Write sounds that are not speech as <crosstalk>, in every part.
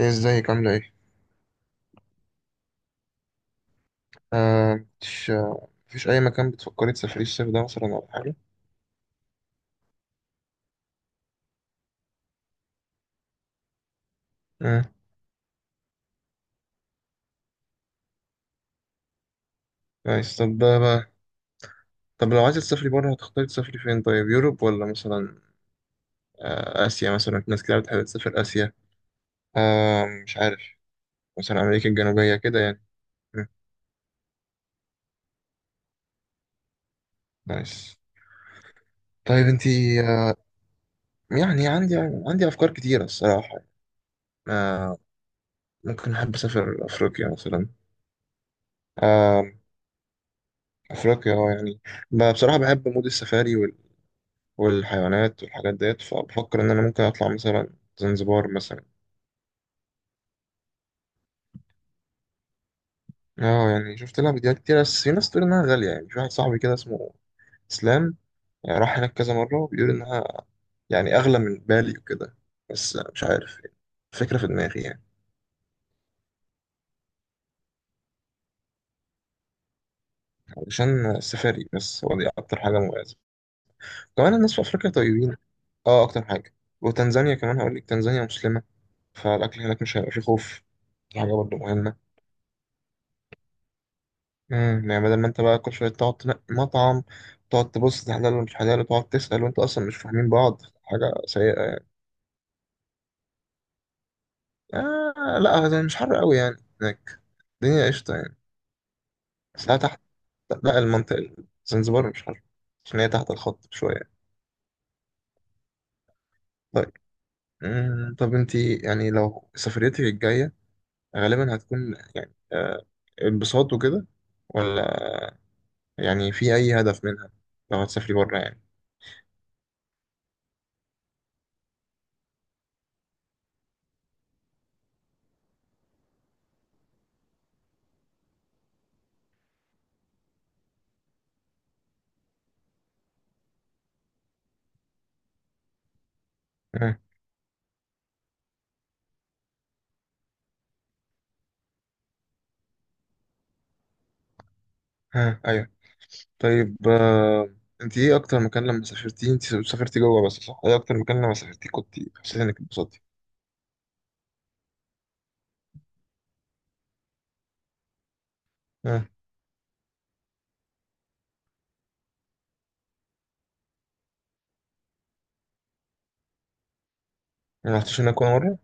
ايه ازيك عاملة ايه؟ آه مش آه مفيش أي مكان بتفكري تسافري الصيف ده مثلا ولا حاجة؟ مم. كويس، طب ده بقى. طب لو عايزة تسافري بره هتختاري تسافري فين طيب؟ يوروب ولا مثلا آسيا؟ مثلا في ناس كتير بتحب تسافر آسيا. آه، مش عارف. مثلا أمريكا الجنوبية كده يعني. مم. كويس. طيب انتي، يعني عندي، عندي أفكار كتيرة الصراحة. آه، ممكن أحب أسافر أفريقيا مثلا. آه، أفريقيا يعني، بصراحة بحب مود السفاري والحيوانات والحاجات ديت، فبفكر إن أنا ممكن أطلع مثلا زنزبار مثلا. اه يعني شفت لها فيديوهات كتير، بس في ناس تقول إنها غالية. يعني في واحد صاحبي كده اسمه إسلام، يعني راح هناك كذا مرة وبيقول إنها يعني أغلى من بالي وكده. بس مش عارف يعني، فكرة في دماغي يعني. علشان السفاري، بس هو دي أكتر حاجة مميزة. كمان الناس في أفريقيا طيبين، اه أكتر حاجة. وتنزانيا كمان هقول لك، تنزانيا مسلمة، فالأكل هناك مش هيبقى فيه خوف، دي حاجة برضه مهمة. يعني بدل ما انت بقى كل شويه تقعد تنقي مطعم، تقعد تبص ده حلال ومش حلال، وتقعد تسأل وانت اصلا مش فاهمين بعض، حاجه سيئه يعني. آه لا، ده مش حر قوي يعني هناك، الدنيا قشطه يعني. ساعة تحت. لا، المنطقه، زنزبار مش حر عشان هي تحت الخط شويه. طيب، طب انت يعني لو سفريتك الجايه غالبا هتكون يعني، انبساط وكده، ولا يعني في اي هدف منها لو هتسافري بره يعني؟ امم ها، ايوه. طيب انت ايه اكتر مكان لما سافرتي؟ انت سافرتي جوه بس صح؟ ايه اكتر مكان لما سافرتي كنت حسيت انك اتبسطتي؟ اه. ما رحتش هناك ولا مره؟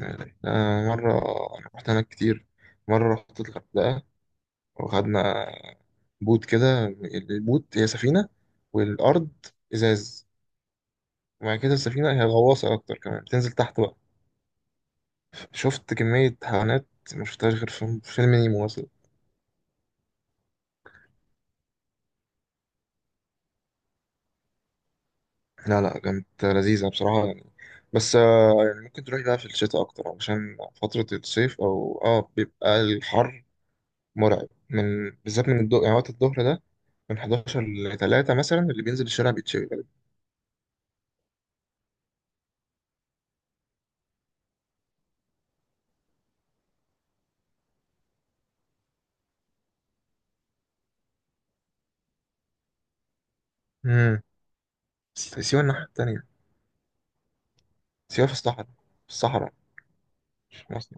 يعني مره انا رحت هناك كتير. مره رحت الغردقه وخدنا بوت كده، البوت هي سفينه والارض ازاز، وبعد كده السفينه هي غواصه اكتر، كمان بتنزل تحت بقى. شفت كميه حيوانات ما شفتهاش غير في في فيلم نيمو مثلا. لا لا، كانت لذيذة بصراحة يعني. بس يعني ممكن تروح بقى في الشتاء أكتر، عشان فترة الصيف أو بيبقى الحر مرعب، من بالذات من الضوء يعني، وقت الظهر ده من 11 ل 3 مثلا اللي بينزل الشارع بيتشوي غالبا. امم بس سيوة الناحية التانية. سيوة في الصحراء، في الصحراء، مش في مصر.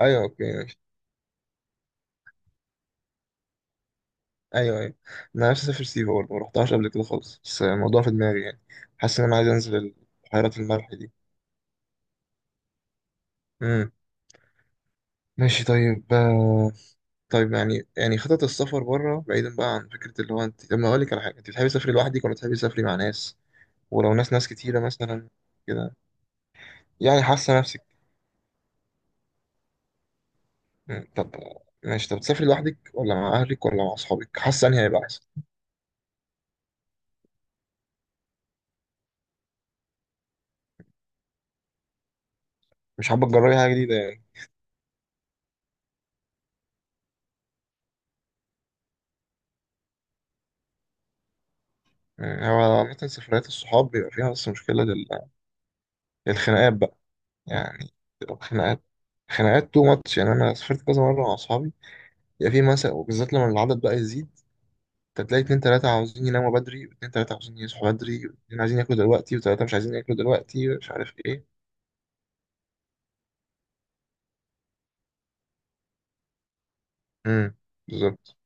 أيوة، أوكي ماشي. أيوة أيوة، أنا نفسي أسافر سيوة برضه، مرحتهاش قبل كده خالص، بس الموضوع في دماغي يعني. حاسس إن أنا عايز أنزل بحيرة الملح دي. امم ماشي طيب طيب يعني، يعني خطط السفر بره، بعيدا بقى عن فكرة اللي هو، انت لما اقول لك على حاجة، انت بتحبي تسافري لوحدك ولا بتحبي تسافري مع ناس؟ ولو ناس، ناس كتيرة مثلا كده يعني، حاسة نفسك؟ مم، طب ماشي. طب تسافري لوحدك ولا مع اهلك ولا مع اصحابك، حاسة انهي هيبقى احسن؟ مش حابة تجربي حاجة جديدة يعني؟ مم، هو عامة سفريات الصحاب بيبقى فيها بس مشكلة، للخناقات بقى يعني. بتبقى خناقات، خناقات تو ماتش يعني. انا سافرت كذا مرة مع اصحابي، يبقى في مثلا، وبالذات لما العدد بقى يزيد، فتلاقي اتنين تلاتة عاوزين يناموا بدري، واتنين تلاتة عاوزين يصحوا بدري، واتنين عايزين ياكلوا دلوقتي، وتلاتة مش عايزين ياكلوا دلوقتي، مش عارف ايه. امم بالظبط.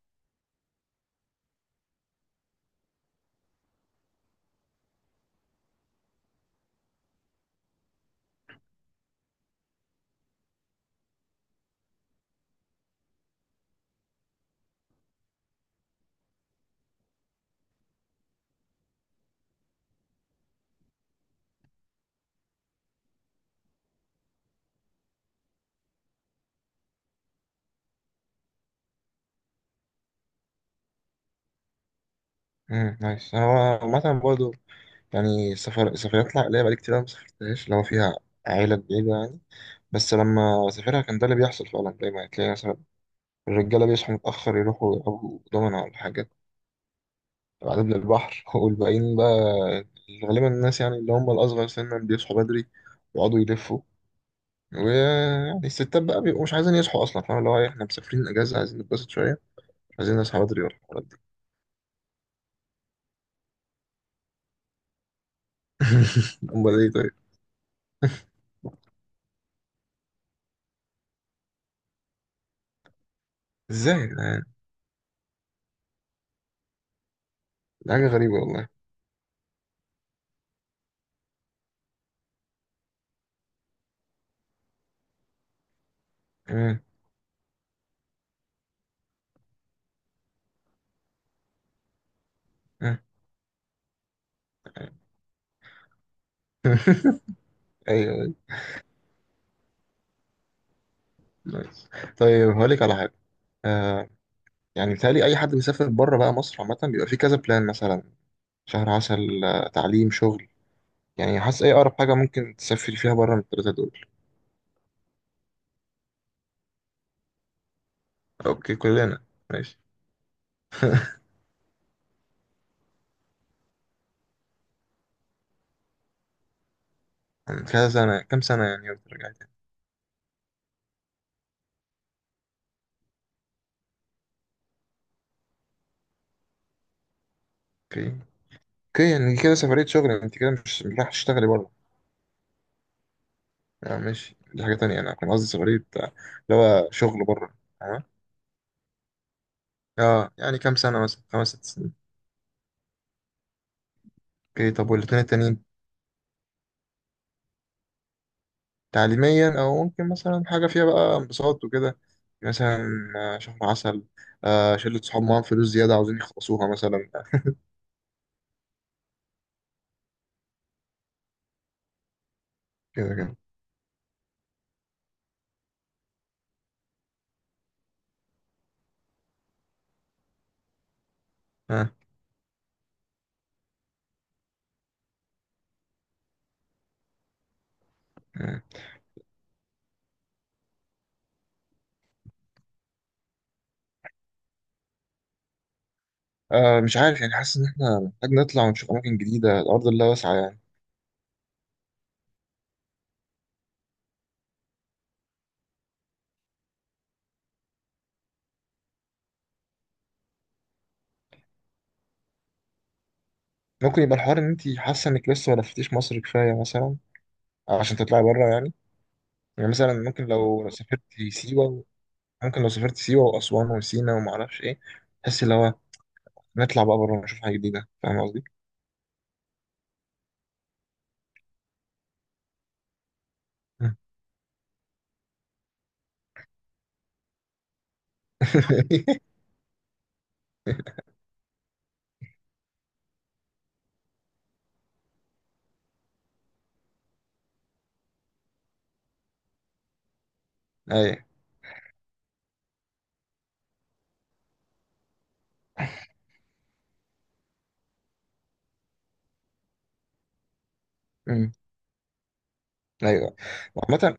نايس. هو عامة برضه يعني، السفر، السفريات العائلية بقالي كتير أوي ما سافرتهاش، اللي هو فيها عيلة بعيدة يعني. بس لما سافرها كان ده اللي بيحصل فعلا، دايما تلاقي مثلا الرجالة بيصحوا متأخر، يروحوا يلعبوا دومنا ولا حاجة، بعدين للبحر <laughs> والباقيين بقى غالبا الناس يعني اللي هم الأصغر سنا بيصحوا بدري ويقعدوا يلفوا. ويعني الستات بقى بيبقوا مش عايزين يصحوا اصلا، فاهم اللي هو إيه، احنا مسافرين اجازه عايزين نتبسط شويه، مش عايزين نصحى بدري ولا الحوارات دي. <laughs> امال ايه طيب؟ ازاي يا جدعان؟ دي حاجه غريبه والله. مم. مم. ايوه أيوة. نايس. طيب هقول لك على حاجه. آه يعني بيتهيألي اي حد بيسافر بره بقى مصر عامه بيبقى فيه كذا بلان، مثلا شهر عسل، تعليم، شغل. يعني حاسس ايه اقرب حاجه ممكن تسافري فيها بره من الثلاثه دول؟ اوكي، كلنا. ماشي. كذا سنه، كام سنه يعني وترجعي تاني؟ اوكي. اوكي، يعني دي كده سفرية شغل، انت كده مش، مش رايح تشتغلي بره يعني؟ ماشي، دي حاجة تانية. انا كان قصدي سفرية، اللي هو شغل بره. اه، يعني كام سنة مثلا، خمس ست سنين؟ اوكي. طب والاتنين التانيين؟ تعليميا، او ممكن مثلا حاجة فيها بقى انبساط وكده. مثلا شهر عسل، آه شلة صحاب معاهم فلوس زيادة عاوزين يخلصوها مثلا، كده كده. آه. آه. آه، مش عارف يعني، حاسس ان احنا محتاج نطلع ونشوف اماكن جديدة، الارض لا واسعة يعني. ممكن يبقى الحوار ان انت حاسة انك لسه ما لفتيش مصر كفاية مثلا، عشان تطلعي بره يعني. يعني مثلا سيوة ممكن لو سافرت سيوة وأسوان وسينا وما أعرفش إيه، تحس اللي هو نطلع بقى بره نشوف حاجة جديدة، فاهم قصدي؟ مم. <laughs> أيوه. أمم. أيوه. عامة،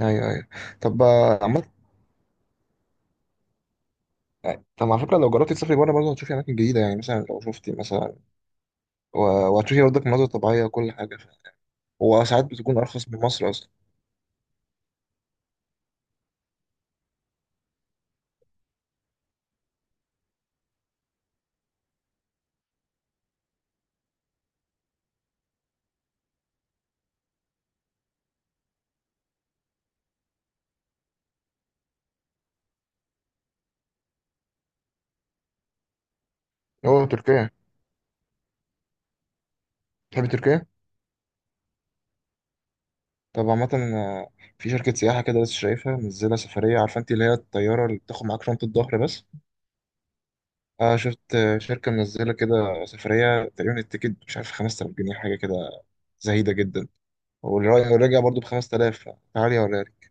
أيوه أيوه. طب عامة، طب على فكرة لو جربتي تسافري بره برضه هتشوفي أماكن جديدة يعني، مثلا لو شفتي مثلا، و، وهتشوفي برضك مناظر طبيعية وكل حاجة، وساعات بتكون أرخص من مصر أصلا. أوه، تركيا! تحبي تركيا؟ طب عامة في شركة سياحة كده لسه شايفها منزلة سفرية، عارفة انت اللي هي الطيارة اللي بتاخد معاك شنطة ظهر بس. آه، شفت شركة منزلة كده سفرية تقريبا التيكت مش عارف 5000 جنيه حاجة كده، زهيدة جدا. والراجع برضو ب 5000. تعالي ولا